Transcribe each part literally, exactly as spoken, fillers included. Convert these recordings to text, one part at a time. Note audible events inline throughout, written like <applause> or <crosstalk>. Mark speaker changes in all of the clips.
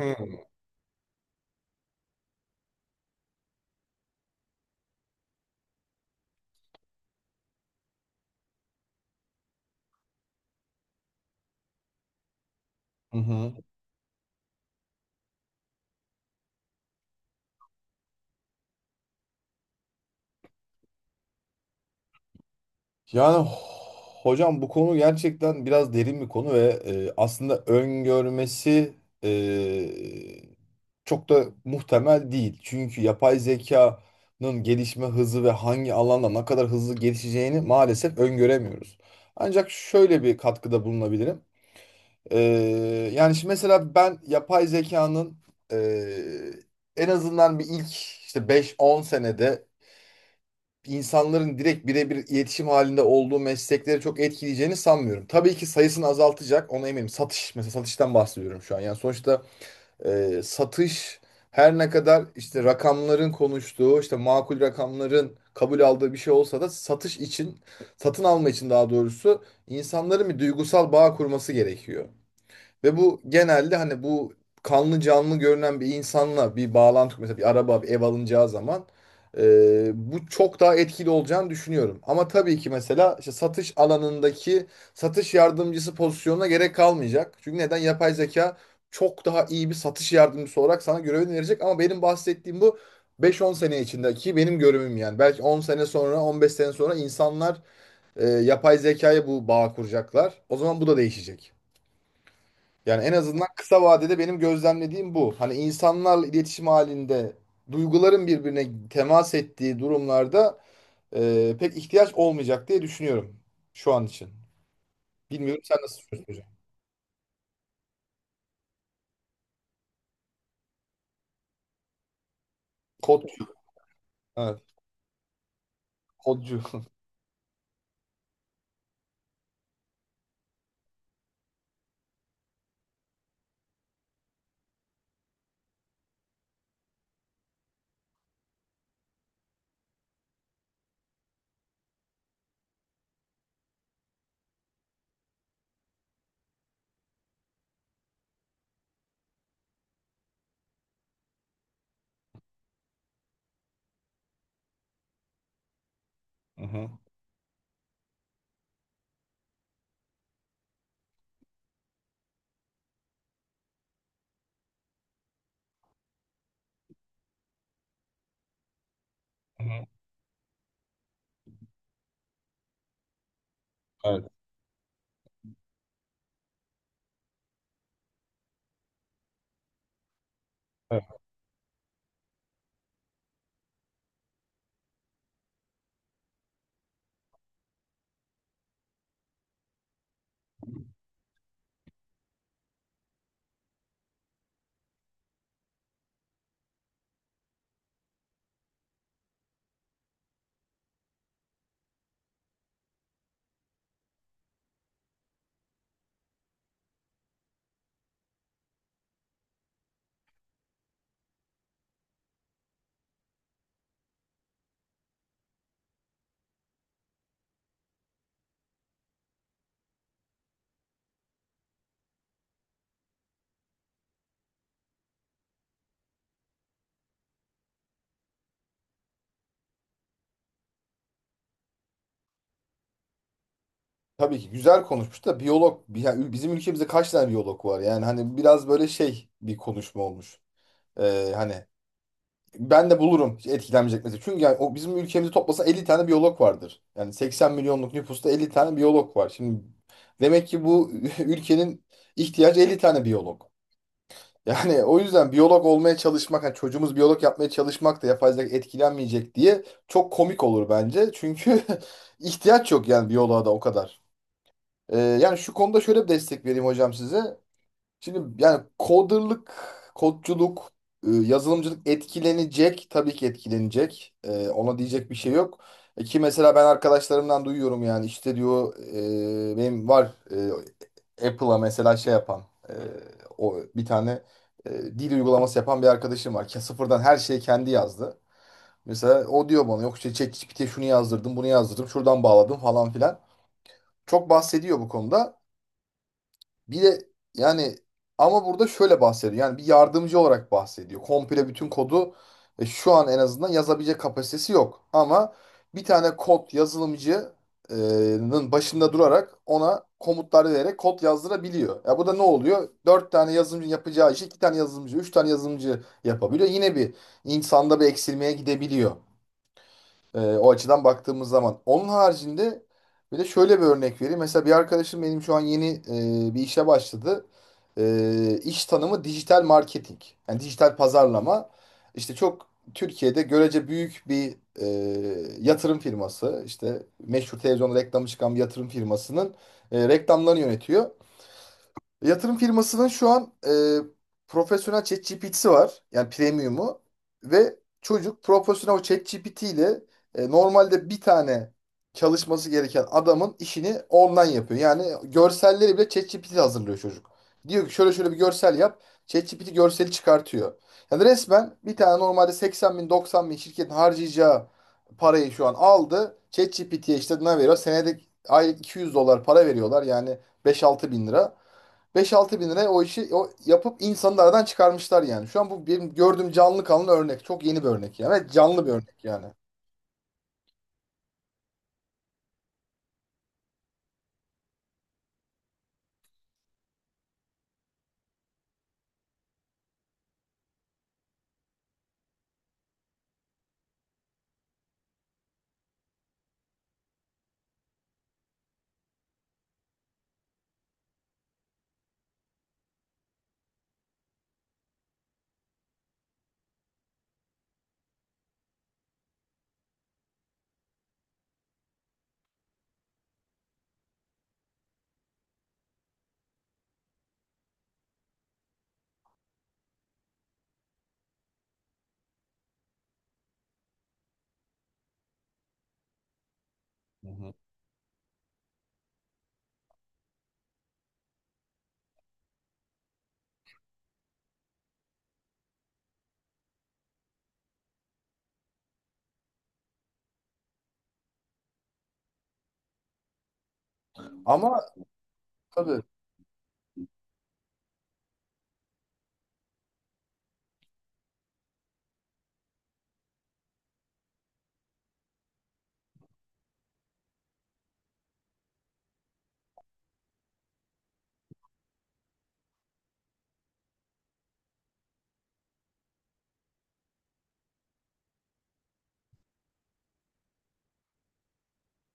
Speaker 1: Hı hı. Hı. Yani hocam bu konu gerçekten biraz derin bir konu ve e, aslında öngörmesi e, çok da muhtemel değil. Çünkü yapay zekanın gelişme hızı ve hangi alanda ne kadar hızlı gelişeceğini maalesef öngöremiyoruz. Ancak şöyle bir katkıda bulunabilirim. E, yani şimdi mesela ben yapay zekanın e, en azından bir ilk işte beş on senede insanların direkt birebir iletişim halinde olduğu meslekleri çok etkileyeceğini sanmıyorum. Tabii ki sayısını azaltacak, ona eminim. Satış, mesela satıştan bahsediyorum şu an. Yani sonuçta e, satış, her ne kadar işte rakamların konuştuğu, işte makul rakamların kabul aldığı bir şey olsa da satış için, satın alma için daha doğrusu insanların bir duygusal bağ kurması gerekiyor. Ve bu genelde hani bu kanlı canlı görünen bir insanla bir bağlantı, mesela bir araba bir ev alınacağı zaman e, bu çok daha etkili olacağını düşünüyorum. Ama tabii ki mesela işte satış alanındaki satış yardımcısı pozisyonuna gerek kalmayacak. Çünkü neden? Yapay zeka çok daha iyi bir satış yardımcısı olarak sana görevini verecek, ama benim bahsettiğim bu beş-on sene içindeki benim görevim yani. Belki on sene sonra, on beş sene sonra insanlar e, yapay zekaya bu bağ kuracaklar. O zaman bu da değişecek. Yani en azından kısa vadede benim gözlemlediğim bu. Hani insanlarla iletişim halinde duyguların birbirine temas ettiği durumlarda e, pek ihtiyaç olmayacak diye düşünüyorum şu an için. Bilmiyorum sen nasıl düşünüyorsun hocam? Kodcu. Evet. Kodcu. Hı hı. Hı hı. Evet, evet. Tabii ki güzel konuşmuş da biyolog bi- ya bizim ülkemizde kaç tane biyolog var? Yani hani biraz böyle şey bir konuşma olmuş. E, hani Ben de bulurum etkilenmeyecek mesela. Çünkü yani o bizim ülkemizi toplasa elli tane biyolog vardır. Yani seksen milyonluk nüfusta elli tane biyolog var. Şimdi demek ki bu <laughs> ülkenin ihtiyacı elli tane biyolog. Yani o yüzden biyolog olmaya çalışmak, hani çocuğumuz biyolog yapmaya çalışmak da yapay zeka etkilenmeyecek diye çok komik olur bence. Çünkü <laughs> ihtiyaç yok yani biyoloğa da o kadar. Ee, yani şu konuda şöyle bir destek vereyim hocam size. Şimdi yani coderlık, kodculuk, e, yazılımcılık etkilenecek. Tabii ki etkilenecek. E, ona diyecek bir şey yok. E, ki mesela ben arkadaşlarımdan duyuyorum, yani işte diyor e, benim var e, Apple'a mesela şey yapan, e, o bir tane e, dil uygulaması yapan bir arkadaşım var. Ke- Sıfırdan her şeyi kendi yazdı. Mesela o diyor bana, yok işte ChatGPT'ye şunu yazdırdım, bunu yazdırdım, şuradan bağladım falan filan. Çok bahsediyor bu konuda. Bir de yani ama burada şöyle bahsediyor. Yani bir yardımcı olarak bahsediyor. Komple bütün kodu e, şu an en azından yazabilecek kapasitesi yok. Ama bir tane kod yazılımcının başında durarak ona komutlar vererek kod yazdırabiliyor. Ya bu da ne oluyor? Dört tane yazılımcı yapacağı işi iki tane yazılımcı, üç tane yazılımcı yapabiliyor. Yine bir insanda bir eksilmeye gidebiliyor. Ee, o açıdan baktığımız zaman. Onun haricinde bir de şöyle bir örnek vereyim. Mesela bir arkadaşım benim şu an yeni e, bir işe başladı. E, iş tanımı dijital marketing. Yani dijital pazarlama. İşte çok Türkiye'de görece büyük bir e, yatırım firması. İşte meşhur televizyonda reklamı çıkan bir yatırım firmasının e, reklamlarını yönetiyor. Yatırım firmasının şu an e, profesyonel ChatGPT'si var. Yani premium'u. Ve çocuk profesyonel ChatGPT ile e, normalde bir tane çalışması gereken adamın işini ondan yapıyor. Yani görselleri bile ChatGPT hazırlıyor çocuk. Diyor ki şöyle şöyle bir görsel yap. ChatGPT görseli çıkartıyor. Yani resmen bir tane normalde seksen bin doksan bin şirketin harcayacağı parayı şu an aldı. ChatGPT'ye işte ne veriyor? Senede aylık iki yüz dolar para veriyorlar. Yani beş altı bin lira. Beş altı bin liraya o işi o yapıp insanı aradan çıkarmışlar yani. Şu an bu benim gördüğüm canlı kanlı örnek. Çok yeni bir örnek yani. Evet, canlı bir örnek yani. Hı hı. Ama tabii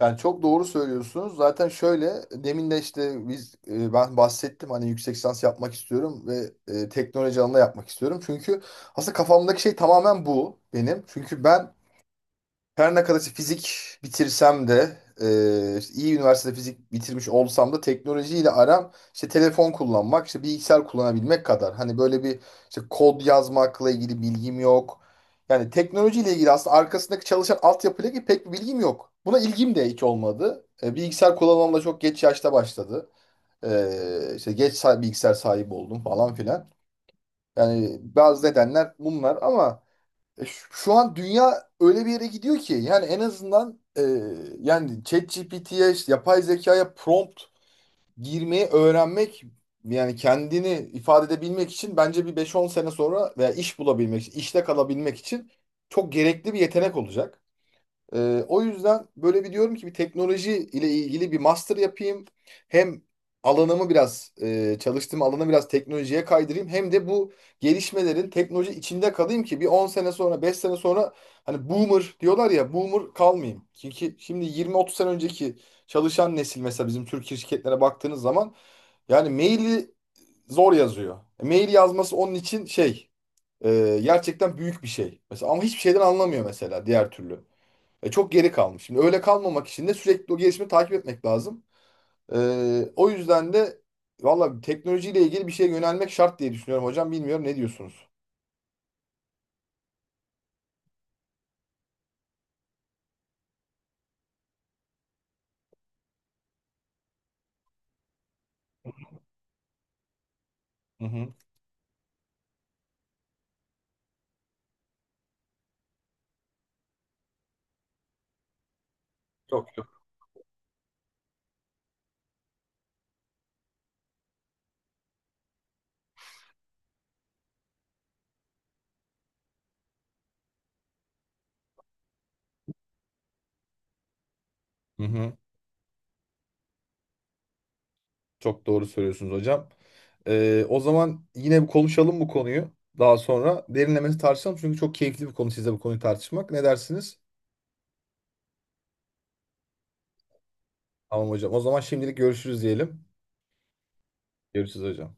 Speaker 1: yani çok doğru söylüyorsunuz. Zaten şöyle demin de işte biz e, ben bahsettim hani yüksek lisans yapmak istiyorum ve e, teknoloji alanında yapmak istiyorum. Çünkü aslında kafamdaki şey tamamen bu benim. Çünkü ben her ne kadar işte fizik bitirsem de, e, işte iyi üniversitede fizik bitirmiş olsam da, teknolojiyle aram işte telefon kullanmak, işte bilgisayar kullanabilmek kadar. Hani böyle bir işte kod yazmakla ilgili bilgim yok. Yani teknolojiyle ilgili, aslında arkasındaki çalışan altyapıyla ilgili pek bir bilgim yok. Buna ilgim de hiç olmadı. E, bilgisayar kullanmam da çok geç yaşta başladı. E, işte geç, sa- bilgisayar sahibi oldum falan filan. Yani bazı nedenler bunlar, ama e, şu şu an dünya öyle bir yere gidiyor ki, yani en azından e, yani ChatGPT'ye işte yapay zekaya prompt girmeyi öğrenmek, yani kendini ifade edebilmek için, bence bir beş-on sene sonra veya iş bulabilmek için, işte kalabilmek için çok gerekli bir yetenek olacak. Ee, o yüzden böyle bir diyorum ki, bir teknoloji ile ilgili bir master yapayım. Hem alanımı biraz, e, çalıştığım alanı biraz teknolojiye kaydırayım. Hem de bu gelişmelerin teknoloji içinde kalayım ki bir on sene sonra, beş sene sonra hani boomer diyorlar ya, boomer kalmayayım. Çünkü şimdi yirmi otuz sene önceki çalışan nesil, mesela bizim Türkiye şirketlere baktığınız zaman, yani maili zor yazıyor. E, Mail yazması onun için şey, e, gerçekten büyük bir şey. Mesela ama hiçbir şeyden anlamıyor mesela diğer türlü. E, çok geri kalmış. Şimdi öyle kalmamak için de sürekli o gelişimi takip etmek lazım. E, O yüzden de valla teknolojiyle ilgili bir şeye yönelmek şart diye düşünüyorum hocam. Bilmiyorum ne diyorsunuz? Hı hı. Çok çok. Hı hı. Çok doğru söylüyorsunuz hocam. Ee, o zaman yine bir konuşalım bu konuyu. Daha sonra derinlemesi tartışalım. Çünkü çok keyifli bir konu sizle bu konuyu tartışmak. Ne dersiniz? Tamam hocam. O zaman şimdilik görüşürüz diyelim. Görüşürüz hocam.